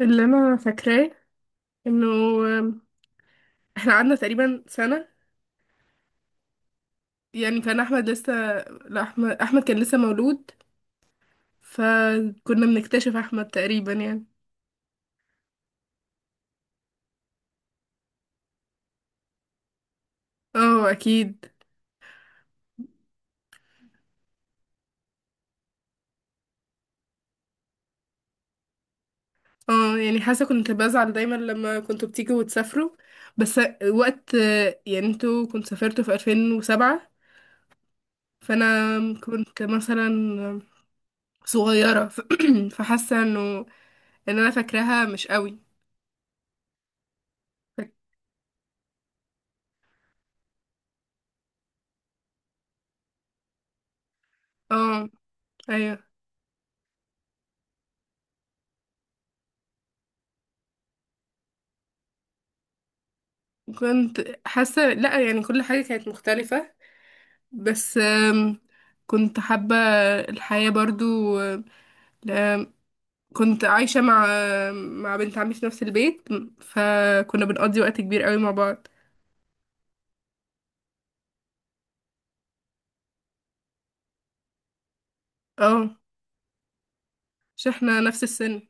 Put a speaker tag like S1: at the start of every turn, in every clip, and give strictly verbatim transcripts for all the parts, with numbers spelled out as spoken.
S1: اللي انا فاكراه انه احنا قعدنا تقريبا سنة. يعني كان احمد لسه، لا، احمد احمد كان لسه مولود. فكنا بنكتشف احمد تقريبا يعني. اه اكيد. اه يعني حاسة كنت بزعل دايما لما كنتوا بتيجوا وتسافروا، بس وقت، يعني انتوا كنتوا سافرتوا في ألفين وسبعة، فانا كنت مثلا صغيرة ف- فحاسة انه ان انا فاكراها مش قوي. فاك- اه ايوه. كنت حاسة، لا، يعني كل حاجة كانت مختلفة، بس آم، كنت حابة الحياة برضو. آم، آم، كنت عايشة مع مع بنت عمي في نفس البيت، فكنا بنقضي وقت كبير قوي مع بعض. اه. مش احنا نفس السن.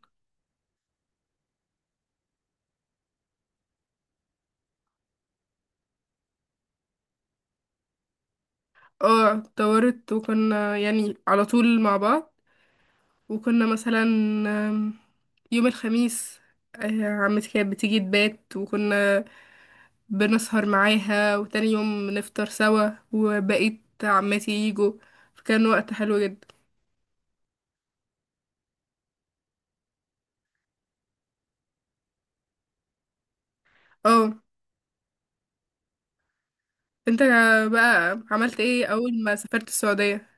S1: اه، اتطورت وكنا يعني على طول مع بعض، وكنا مثلا آم، يوم الخميس آه، عمتي كانت بتيجي تبات، وكنا بنسهر معاها وتاني يوم نفطر سوا وبقيت عماتي يجوا، فكان وقت حلو جدا. اه. انت بقى عملت ايه اول ما سافرت السعودية؟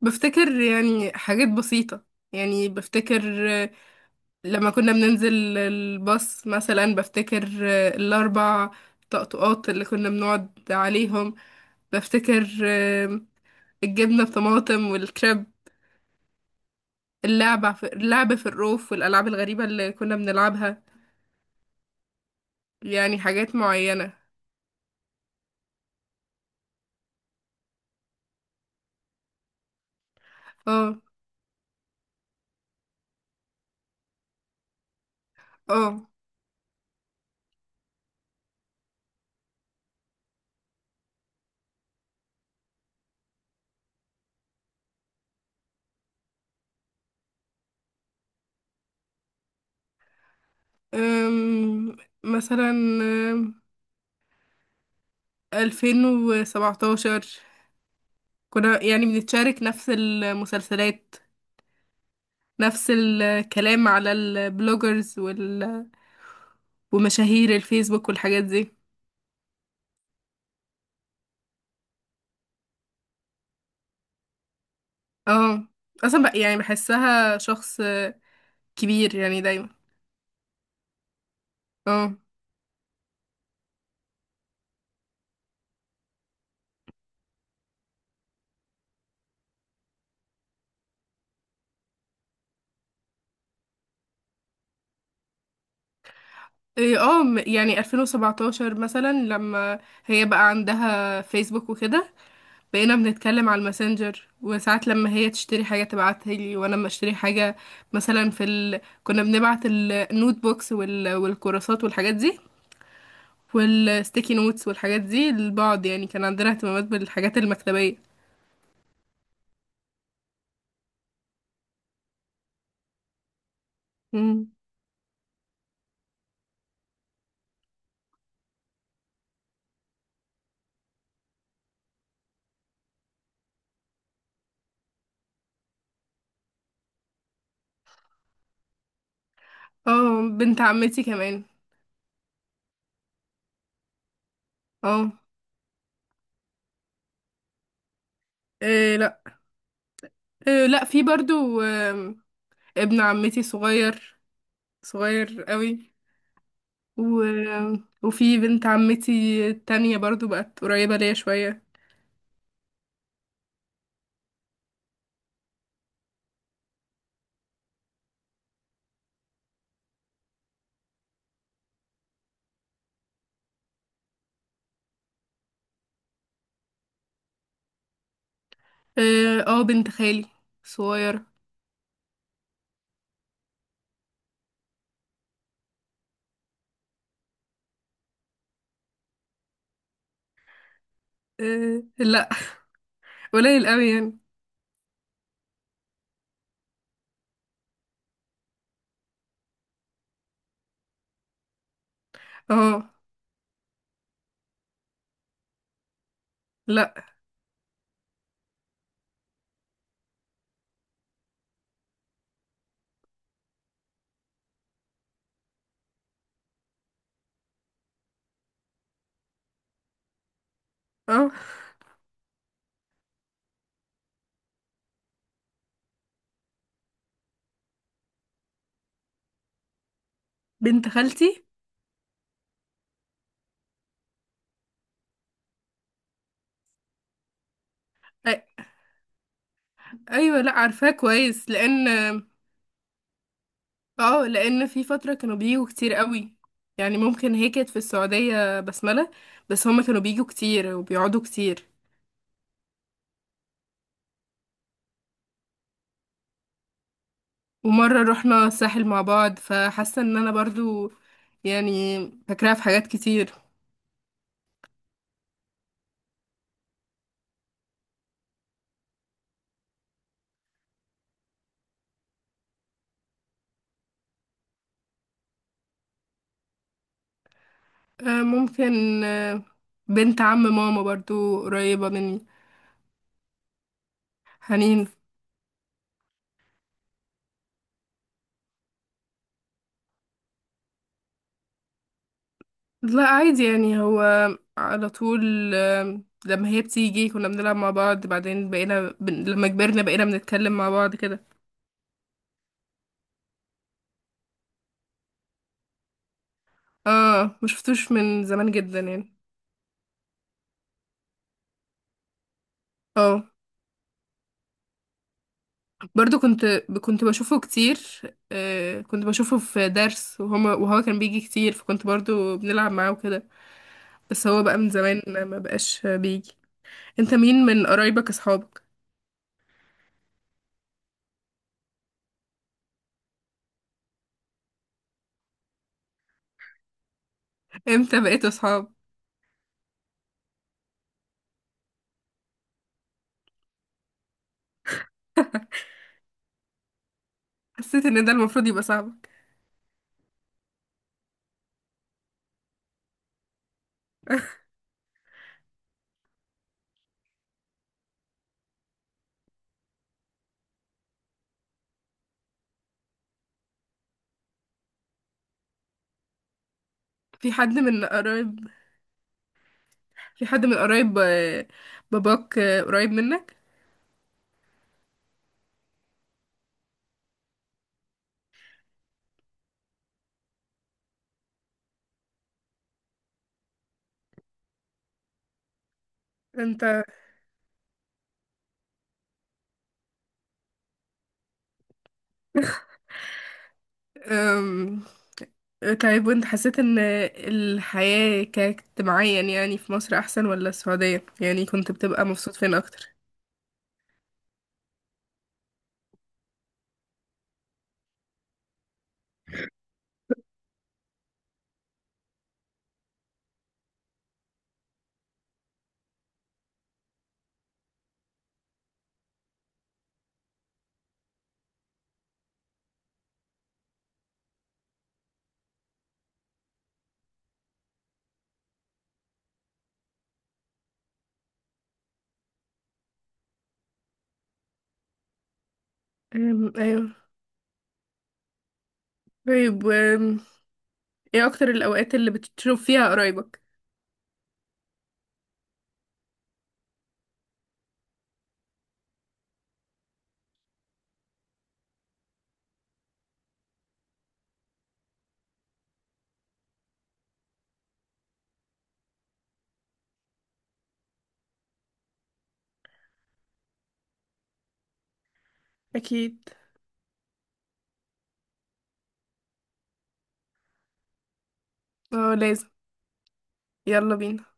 S1: بفتكر يعني حاجات بسيطة، يعني بفتكر آه، لما كنا بننزل الباص مثلا، بفتكر آه، الاربع طقطقات اللي كنا بنقعد عليهم، بفتكر آه، الجبنة بطماطم والكريب، اللعبة في اللعب في الروف والألعاب الغريبة اللي كنا بنلعبها. يعني حاجات معينة. اه، اه. أم، مثلا ألفين وسبعتاشر كنا يعني بنتشارك نفس المسلسلات، نفس الكلام على البلوجرز وال... ومشاهير الفيسبوك والحاجات دي. اه، اصلا بقى يعني بحسها شخص كبير يعني دايما. اه. إيه، اه، م- يعني ألفين وسبعتاشر مثلا لما هي بقى عندها فيسبوك وكده، بقينا بنتكلم على الماسنجر، وساعات لما هي تشتري حاجة تبعتها لي، وانا لما اشتري حاجة مثلا في ال... كنا بنبعت ال- النوت بوكس وال... والكراسات والحاجات دي والستيكي نوتس والحاجات دي لبعض. يعني كان عندنا اهتمامات بالحاجات المكتبية. مم. اه، بنت عمتي كمان. اه، إيه، لا، إيه، لا، في برضو آم، ابن عمتي صغير، صغير قوي، و... وفي بنت عمتي التانية برضو بقت قريبة ليا شوية. اه. آه، بنت خالي صغيرة. اه، لا، قليل قوي يعني. اه، لا. اه، بنت خالتي. أي، ايوه، لا، عارفاه كويس لان اه لان في فترة كانوا بيجوا كتير قوي، يعني ممكن هي كانت في السعودية بسملة، بس هما كانوا بيجوا كتير وبيقعدوا كتير. ومرة رحنا الساحل مع بعض فحاسة ان انا برضو يعني فاكراها في حاجات كتير. آه، ممكن. آه، بنت عم ماما برضو قريبة مني. حنين. لا عادي يعني، هو على طول آم، لما هي بتيجي كنا بنلعب مع بعض، بعدين بقينا بن... لما كبرنا بقينا بنتكلم مع بعض كده. اه، ما شفتوش من زمان جدا يعني. اه، برضو كنت كنت بشوفه كتير، آه كنت بشوفه في درس، وهما وهو كان بيجي كتير فكنت برضو بنلعب معاه وكده. بس هو بقى من زمان ما بقاش بيجي. انت مين من قرايبك اصحابك؟ امتى بقيتوا اصحاب؟ حسيت ان ده المفروض يبقى صعب. في حد من قرايب في حد من قرايب آه، باباك آه، قريب منك انت؟ أم، طيب وانت حسيت ان الحياة كاجتماعيا يعني في مصر احسن ولا السعودية؟ يعني كنت بتبقى مبسوط فين اكتر؟ أم، ايوه. طيب. أم، ايه اكتر الاوقات اللي بتشوف فيها قرايبك؟ اكيد. اه لازم. يلا بينا.